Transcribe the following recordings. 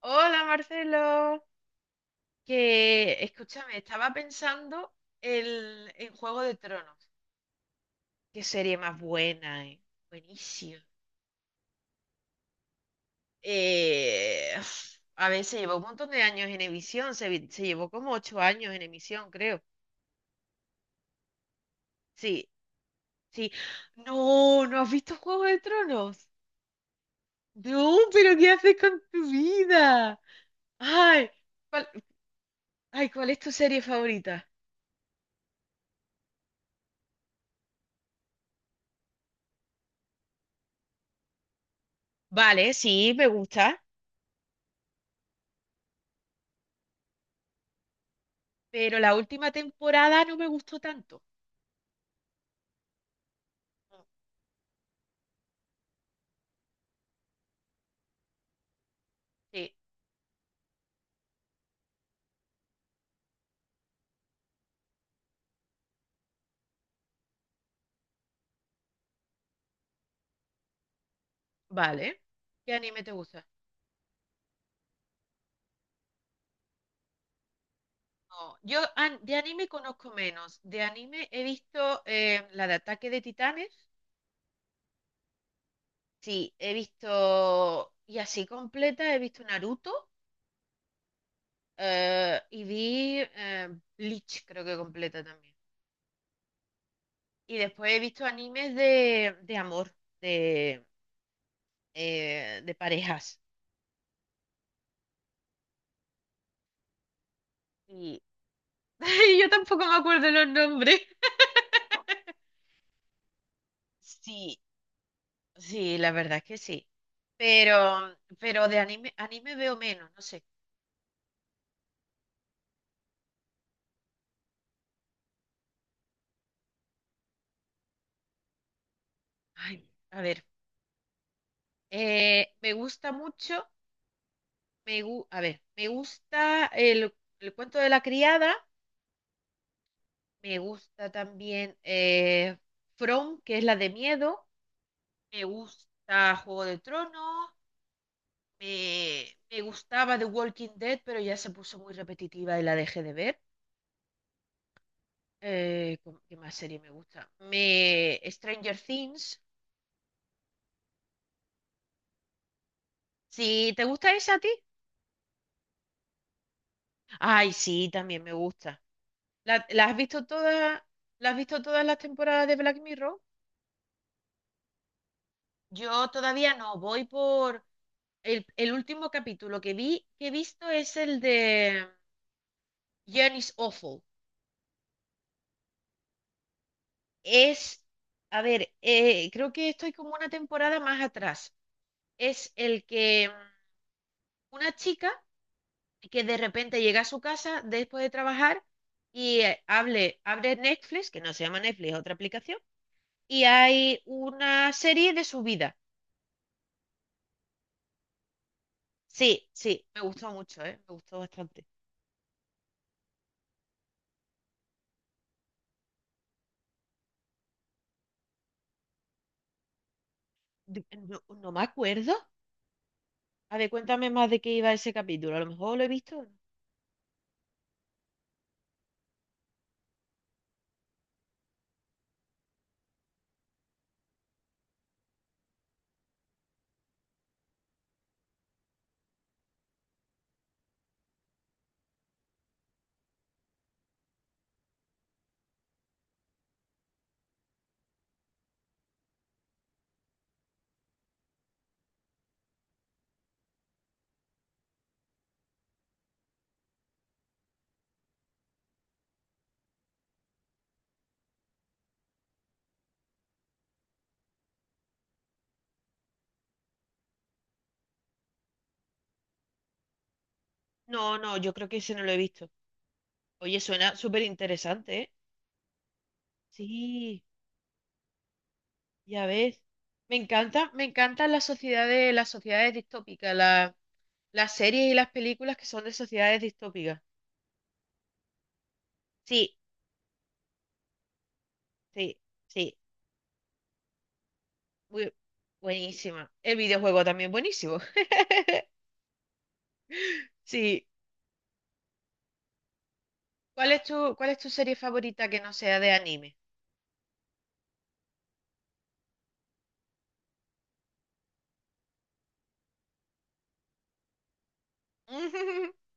Hola Marcelo, que escúchame, estaba pensando en Juego de Tronos. Qué serie más buena, eh. Buenísima. Uf, a ver, se llevó un montón de años en emisión, se llevó como 8 años en emisión, creo. Sí, sí. No, ¿no has visto Juego de Tronos? No, pero ¿qué haces con tu vida? Ay, ¿cuál, ¿cuál es tu serie favorita? Vale, sí, me gusta. Pero la última temporada no me gustó tanto. Sí, vale. ¿Qué anime te gusta? No, de anime conozco menos. De anime he visto la de Ataque de Titanes. Sí, he visto, y así completa, he visto Naruto y vi Bleach, creo que completa también. Y después he visto animes de amor, de, de parejas. Y yo tampoco me acuerdo los nombres. Sí, sí, la verdad que sí. Pero de anime veo menos, no sé. Ay, a ver. Me gusta mucho, a ver, me gusta el cuento de la criada, me gusta también From, que es la de miedo, me gusta Juego de Tronos, me, me gustaba The Walking Dead, pero ya se puso muy repetitiva y la dejé de ver. ¿Qué más serie me gusta? Stranger Things. Si te gusta esa a ti. Ay, sí, también me gusta. ¿La, la has visto todas, la has visto todas las temporadas de Black Mirror? Yo todavía no, voy por el último capítulo que he visto es el de Jen is Awful. Es, a ver, creo que estoy como una temporada más atrás. Es el que una chica que de repente llega a su casa después de trabajar y abre Netflix, que no se llama Netflix, es otra aplicación, y hay una serie de su vida. Sí, sí, me gustó mucho, ¿eh? Me gustó bastante. No, no me acuerdo. A ver, cuéntame más de qué iba ese capítulo. A lo mejor lo he visto. No, no, yo creo que ese no lo he visto. Oye, suena súper interesante, ¿eh? Sí, ya ves. Me encanta, me encantan las sociedades distópicas, las series y las películas que son de sociedades distópicas. Sí, sí, sí. Muy, buenísima. El videojuego también buenísimo. Sí. ¿Cuál es tu serie favorita que no sea de anime?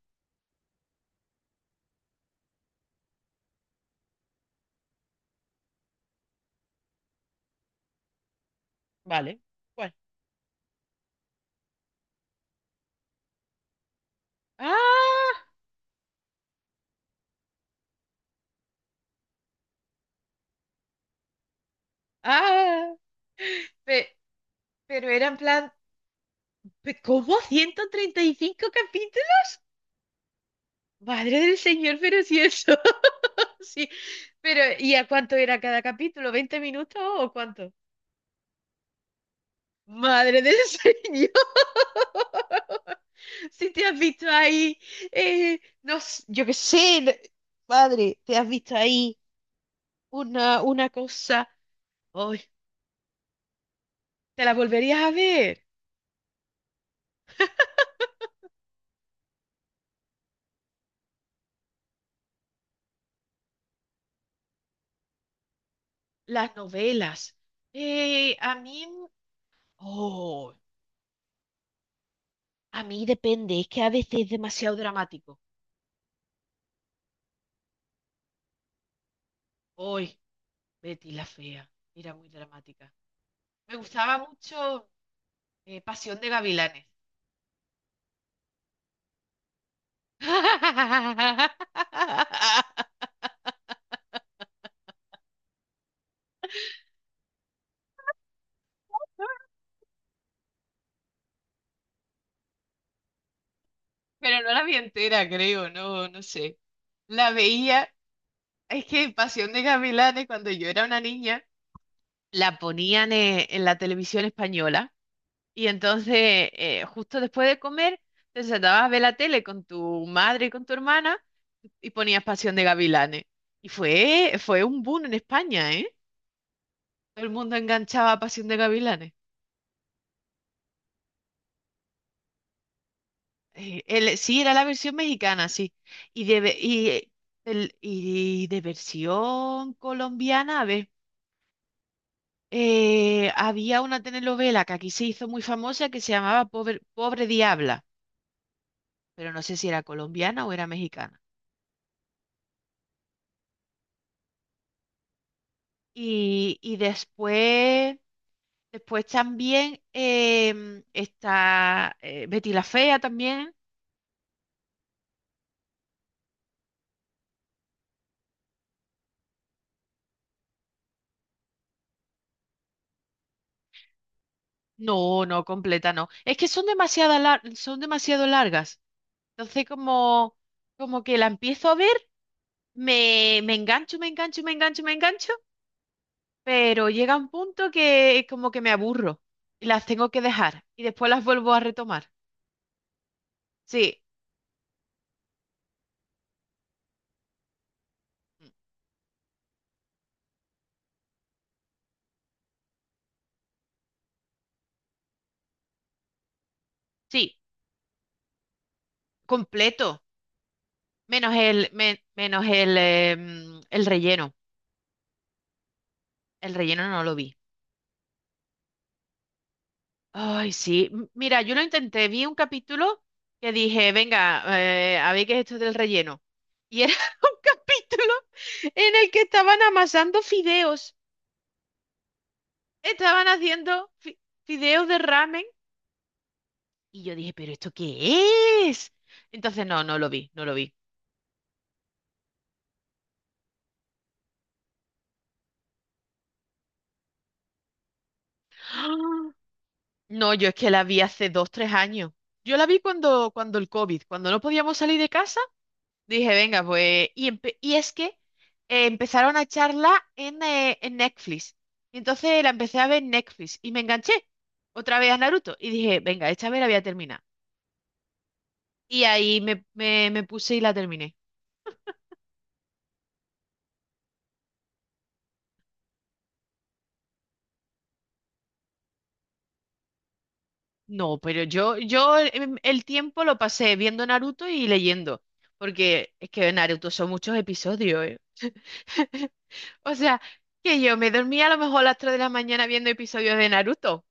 Vale. ¿Cuál? ¡Ah! ¡Ah! Pe- pero era en plan, ¿cómo 135 capítulos? Madre del Señor, pero si eso. Sí, pero ¿y a cuánto era cada capítulo? 20 minutos o cuánto? Madre del Señor, si te has visto ahí, no, yo qué sé, madre, te has visto ahí una cosa, hoy te la volverías a ver, las novelas. A mí Oh, a mí depende, es que a veces es demasiado dramático. Hoy, Betty la fea, era muy dramática. Me gustaba mucho Pasión de Gavilanes. Pero no la vi entera, creo, no, no sé. La veía, es que Pasión de Gavilanes, cuando yo era una niña, la ponían en la televisión española. Y entonces, justo después de comer, te sentabas a ver la tele con tu madre y con tu hermana. Y ponías Pasión de Gavilanes. Y fue un boom en España, ¿eh? Todo el mundo enganchaba a Pasión de Gavilanes. Sí, era la versión mexicana, sí. Y de, ve- y, el- y de versión colombiana, a ver, había una telenovela que aquí se hizo muy famosa que se llamaba Pobre, Pobre Diabla, pero no sé si era colombiana o era mexicana. Y después también está Betty la Fea también. No, no, completa no. Es que son son demasiado largas. Entonces, como que la empiezo a ver, me engancho, me engancho, me engancho, me engancho, pero llega un punto que como que me aburro y las tengo que dejar y después las vuelvo a retomar. Sí, sí, completo. Menos el relleno. El relleno no lo vi. Ay, sí. Mira, yo lo intenté, vi un capítulo que dije, venga, a ver qué es esto del relleno. Y era un capítulo en el que estaban amasando fideos. Estaban haciendo fideos de ramen. Y yo dije, ¿pero esto qué es? Entonces, no, no lo vi, no lo vi. No, yo es que la vi hace dos, tres años. Yo la vi cuando el COVID, cuando no podíamos salir de casa. Dije, venga, pues. Y es que empezaron a charla en Netflix. Y entonces la empecé a ver en Netflix y me enganché otra vez a Naruto. Y dije, venga, esta vez la voy a terminar. Y ahí me puse y la terminé. No, pero el tiempo lo pasé viendo Naruto y leyendo. Porque es que Naruto son muchos episodios, ¿eh? O sea, que yo me dormía a lo mejor a las 3 de la mañana viendo episodios de Naruto.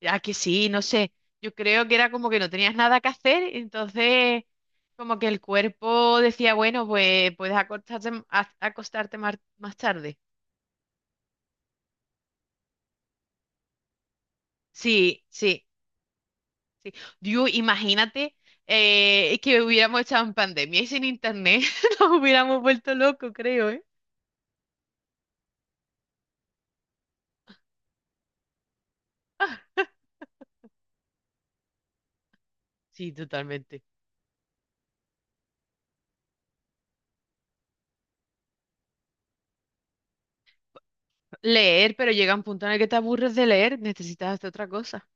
Ya que sí, no sé. Yo creo que era como que no tenías nada que hacer, entonces como que el cuerpo decía, bueno, pues puedes acostarte, más tarde. Sí, sí, sí. Dios, imagínate que hubiéramos estado en pandemia y sin internet nos hubiéramos vuelto locos, creo, ¿eh? Sí, totalmente. Leer, pero llega un punto en el que te aburres de leer, necesitas hacer otra cosa.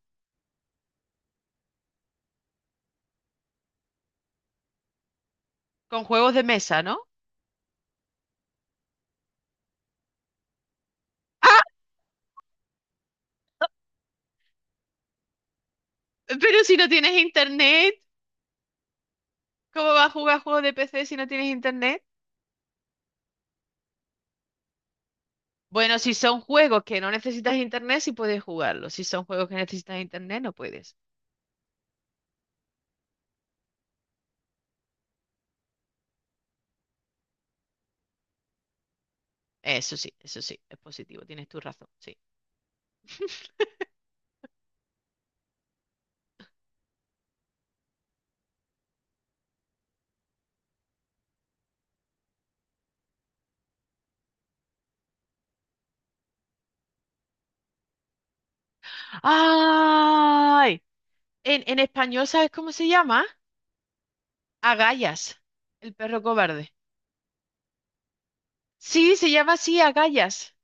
Con juegos de mesa, ¿no? Ah. Pero si no tienes internet, ¿cómo vas a jugar juegos de PC si no tienes internet? Bueno, si son juegos que no necesitas internet, sí puedes jugarlos. Si son juegos que necesitas internet, no puedes. Eso sí, es positivo, tienes tu razón, sí. ¡Ay! En español, ¿sabes cómo se llama? Agallas, el perro cobarde. Sí, se llama así, agallas.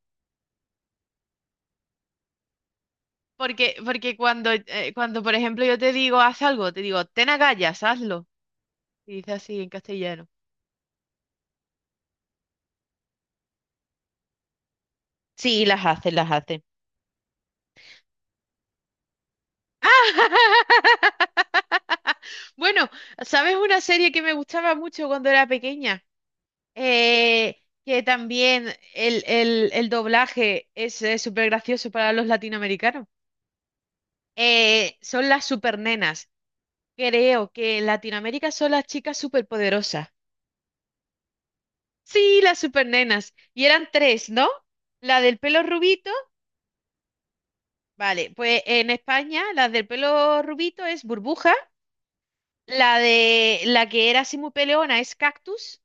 Porque cuando, por ejemplo, yo te digo, haz algo, te digo, ten agallas, hazlo. Y dice así en castellano. Sí, las hace, las hace. Bueno, ¿sabes una serie que me gustaba mucho cuando era pequeña? Que también el doblaje es súper gracioso para los latinoamericanos. Son las supernenas. Creo que en Latinoamérica son las chicas superpoderosas. Sí, las supernenas. Y eran tres, ¿no? La del pelo rubito. Vale, pues en España la del pelo rubito es Burbuja. La de la que era así muy peleona es Cactus.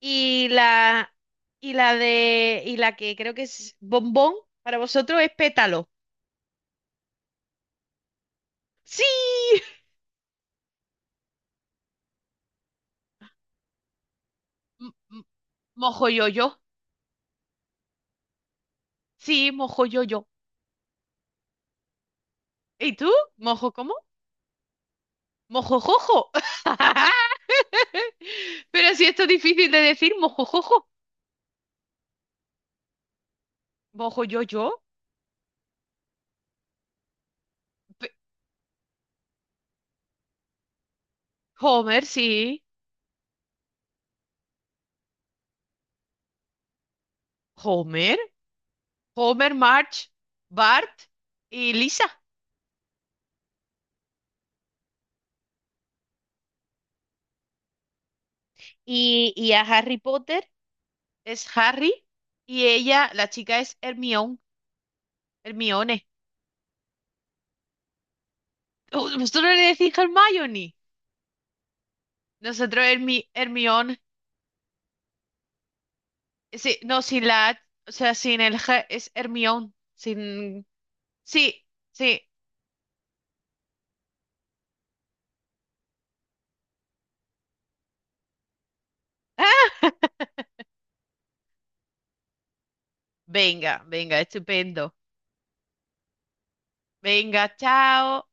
Y la, y la que creo que es bombón para vosotros es pétalo. Sí, M- m- mojo yo yo. Sí, mojo yo yo. ¿Y tú? ¿Mojo cómo? Mojo jojo. Pero si esto es difícil de decir, mojo jojo. Mojo yo yo. Pe- Homer, sí. Homer, Homer, March, Bart y Lisa. Y a Harry Potter es Harry y ella, la chica es Hermione. Hermione. Vosotros no le decís Hermione. Nosotros Hermione. Sí, no, sin la H, o sea, sin el G, es Hermione. Sin... Sí, sí. Ah. Venga, venga, estupendo. Venga, chao.